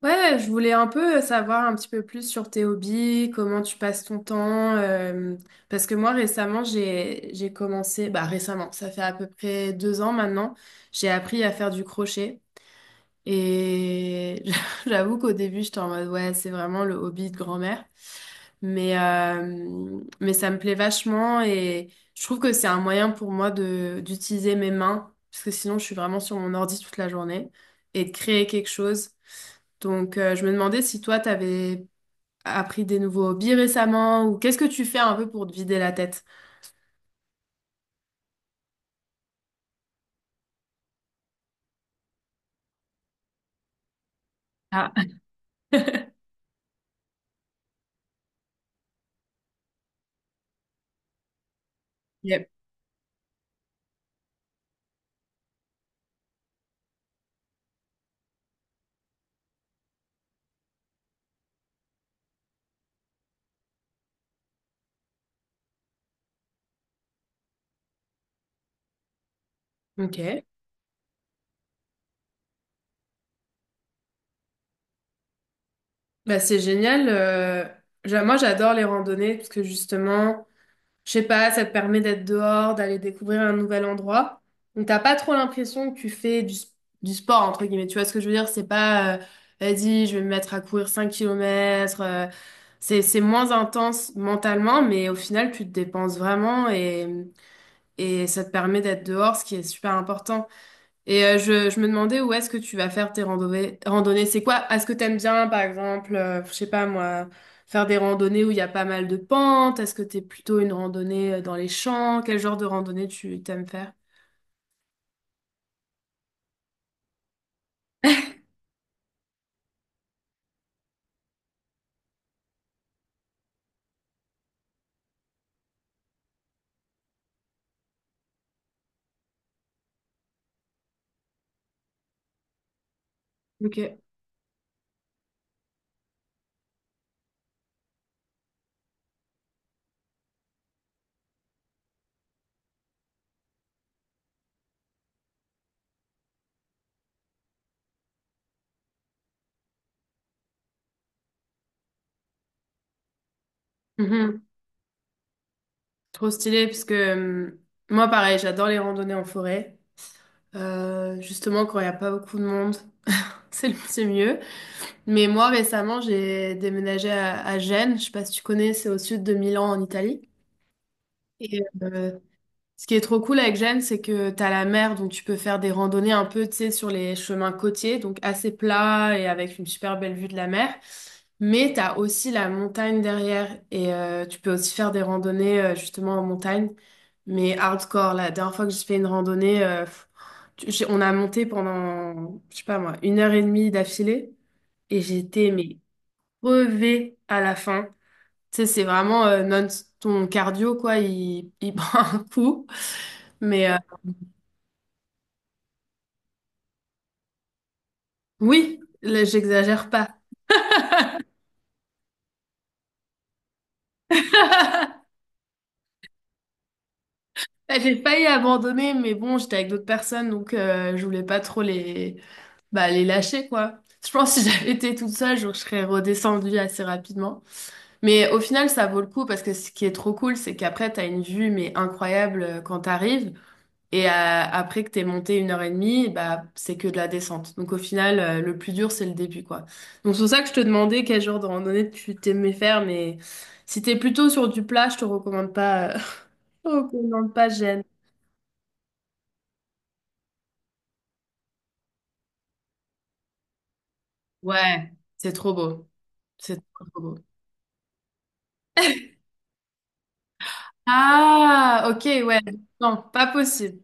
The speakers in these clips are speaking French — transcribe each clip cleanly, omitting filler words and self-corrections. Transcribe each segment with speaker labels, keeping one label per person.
Speaker 1: Ouais, ouais, je voulais un peu savoir un petit peu plus sur tes hobbies, comment tu passes ton temps. Parce que moi récemment j'ai commencé, bah récemment, ça fait à peu près 2 ans maintenant, j'ai appris à faire du crochet et j'avoue qu'au début j'étais en mode ouais, c'est vraiment le hobby de grand-mère. Mais, mais ça me plaît vachement et je trouve que c'est un moyen pour moi de d'utiliser mes mains, parce que sinon je suis vraiment sur mon ordi toute la journée, et de créer quelque chose. Donc je me demandais si toi, t'avais appris des nouveaux hobbies récemment, ou qu'est-ce que tu fais un peu pour te vider la tête? Ah. Yep. Ok, bah, c'est génial. Moi j'adore les randonnées parce que justement, je sais pas, ça te permet d'être dehors, d'aller découvrir un nouvel endroit. Donc t'as pas trop l'impression que tu fais du, du sport, entre guillemets. Tu vois ce que je veux dire? C'est pas, vas-y, je vais me mettre à courir 5 km. C'est moins intense mentalement, mais au final, tu te dépenses vraiment et ça te permet d'être dehors, ce qui est super important. Et je me demandais où est-ce que tu vas faire tes randonnées. C'est quoi? Est-ce que t'aimes bien, par exemple, je sais pas moi, faire des randonnées où il y a pas mal de pentes? Est-ce que t'es plutôt une randonnée dans les champs? Quel genre de randonnée tu t'aimes faire? Ok. Mhm. Trop stylé, parce que moi, pareil, j'adore les randonnées en forêt. Justement, quand il n'y a pas beaucoup de monde, c'est mieux. Mais moi, récemment, j'ai déménagé à Gênes. Je sais pas si tu connais, c'est au sud de Milan, en Italie. Et, ce qui est trop cool avec Gênes, c'est que t'as la mer, donc tu peux faire des randonnées un peu, tu sais, sur les chemins côtiers, donc assez plats et avec une super belle vue de la mer. Mais t'as aussi la montagne derrière et tu peux aussi faire des randonnées justement en montagne, mais hardcore. La dernière fois que j'ai fait une randonnée, on a monté pendant, je sais pas moi, 1h30 d'affilée et j'étais mais crevée à la fin. Tu sais, c'est vraiment non, ton cardio quoi, il prend un coup. Mais oui, là, j'exagère pas. Bah, j'ai failli abandonner, mais bon, j'étais avec d'autres personnes, donc je voulais pas trop bah, les lâcher, quoi. Je pense que si j'avais été toute seule, je serais redescendue assez rapidement. Mais au final, ça vaut le coup parce que ce qui est trop cool, c'est qu'après, t'as une vue, mais incroyable quand t'arrives. Et après que t'es monté 1h30, bah, c'est que de la descente. Donc au final, le plus dur, c'est le début, quoi. Donc c'est pour ça que je te demandais quel genre de randonnée tu t'aimais faire, mais si t'es plutôt sur du plat, je te recommande pas. Oh, qu'on pas gêne. Ouais, c'est trop beau. C'est trop, trop beau. Ah, ok, ouais. Non, pas possible.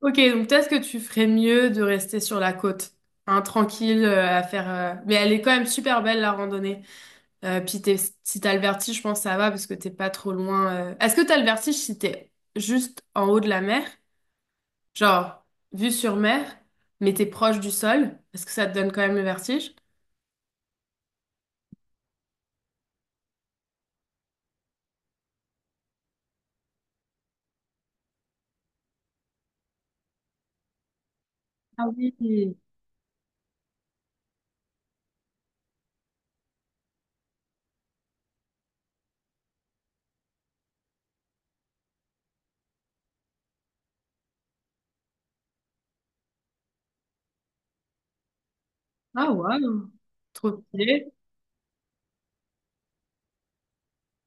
Speaker 1: Ok, donc peut-être que tu ferais mieux de rester sur la côte, hein, tranquille, à faire. Mais elle est quand même super belle la randonnée. Euh, puis t'es- Si t'as le vertige, je pense que ça va parce que t'es pas trop loin. Est-ce que t'as le vertige si t'es juste en haut de la mer, genre vue sur mer, mais t'es proche du sol? Est-ce que ça te donne quand même le vertige? Ah oui. Ah ouais. Trop stylé.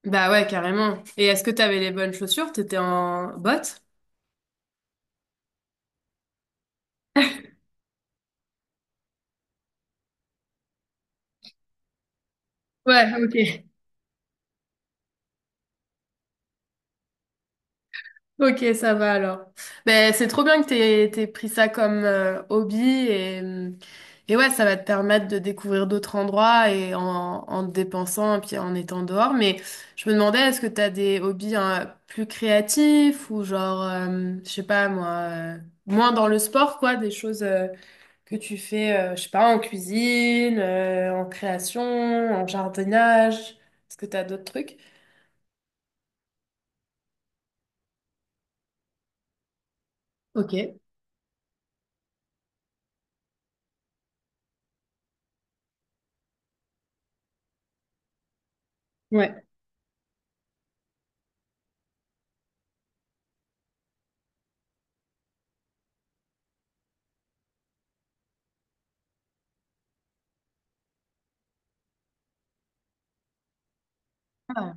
Speaker 1: Bah ouais, carrément. Et est-ce que t'avais les bonnes chaussures? T'étais en bottes? Ouais, ok. Ok, ça va alors. Ben, c'est trop bien que t'aies pris ça comme hobby et ouais, ça va te permettre de découvrir d'autres endroits et en, en te dépensant et puis en étant dehors. Mais je me demandais, est-ce que t'as des hobbies hein, plus créatifs ou genre, je sais pas moi, euh, moins dans le sport quoi, des choses. Que tu fais, je sais pas, en cuisine, en création, en jardinage. Est-ce que tu as d'autres trucs? Ok. Ouais. Ah.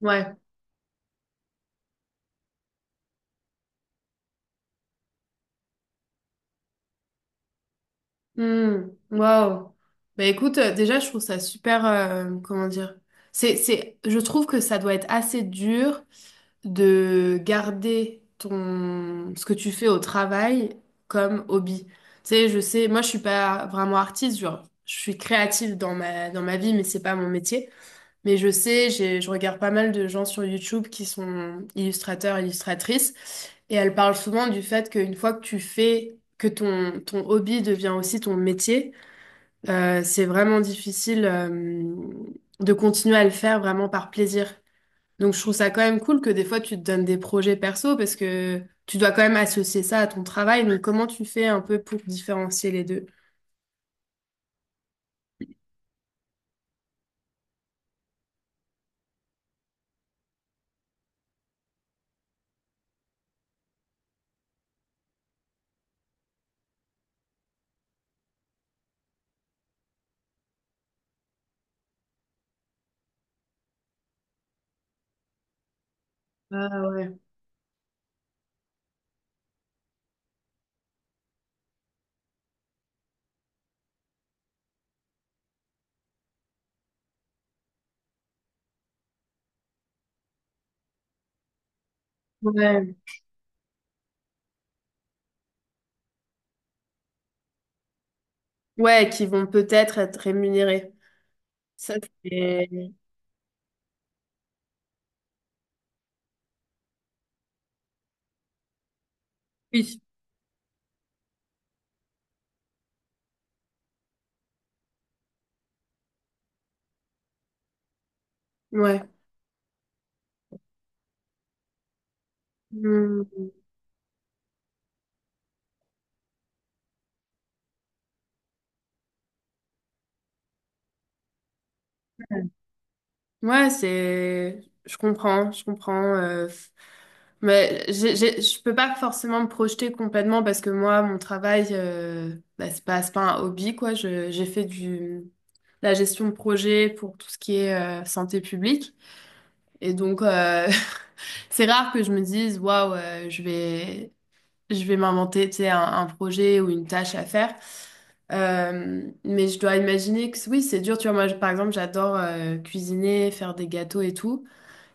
Speaker 1: Ouais. Hmm. Waouh. Bah écoute, déjà, je trouve ça super. Comment dire? C'est, je trouve que ça doit être assez dur de garder ton, ce que tu fais au travail comme hobby. Tu sais, je sais, moi, je suis pas vraiment artiste, genre, je suis créative dans ma vie, mais c'est pas mon métier. Mais je sais, je regarde pas mal de gens sur YouTube qui sont illustrateurs, illustratrices, et elles parlent souvent du fait qu'une fois que tu fais, que ton hobby devient aussi ton métier, c'est vraiment difficile, de continuer à le faire vraiment par plaisir. Donc je trouve ça quand même cool que des fois tu te donnes des projets perso parce que tu dois quand même associer ça à ton travail. Donc comment tu fais un peu pour différencier les deux? Ah ouais. Ouais, ouais, qui vont peut-être être rémunérés. Ça, c'est... Oui. Ouais. Hmm. Ouais, c'est. Je comprends, je comprends. Mais je peux pas forcément me projeter complètement parce que moi, mon travail, bah, c'est pas un hobby, quoi. J'ai fait la gestion de projet pour tout ce qui est santé publique. Et donc, c'est rare que je me dise, waouh, je vais m'inventer, tu sais, un projet ou une tâche à faire. Mais je dois imaginer que oui, c'est dur. Tu vois, moi, par exemple, j'adore cuisiner, faire des gâteaux et tout.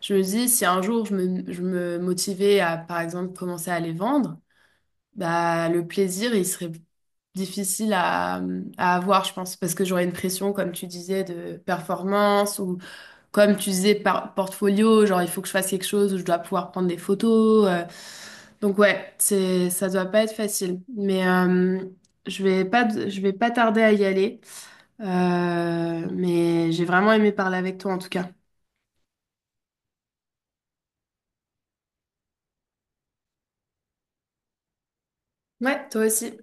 Speaker 1: Je me dis, si un jour je me motivais à, par exemple, commencer à les vendre, bah, le plaisir, il serait difficile à avoir, je pense, parce que j'aurais une pression, comme tu disais, de performance comme tu disais, par portfolio, genre il faut que je fasse quelque chose où je dois pouvoir prendre des photos. Donc ouais, c'est ça doit pas être facile. Mais je vais pas tarder à y aller. Mais j'ai vraiment aimé parler avec toi en tout cas. Ouais, toi aussi.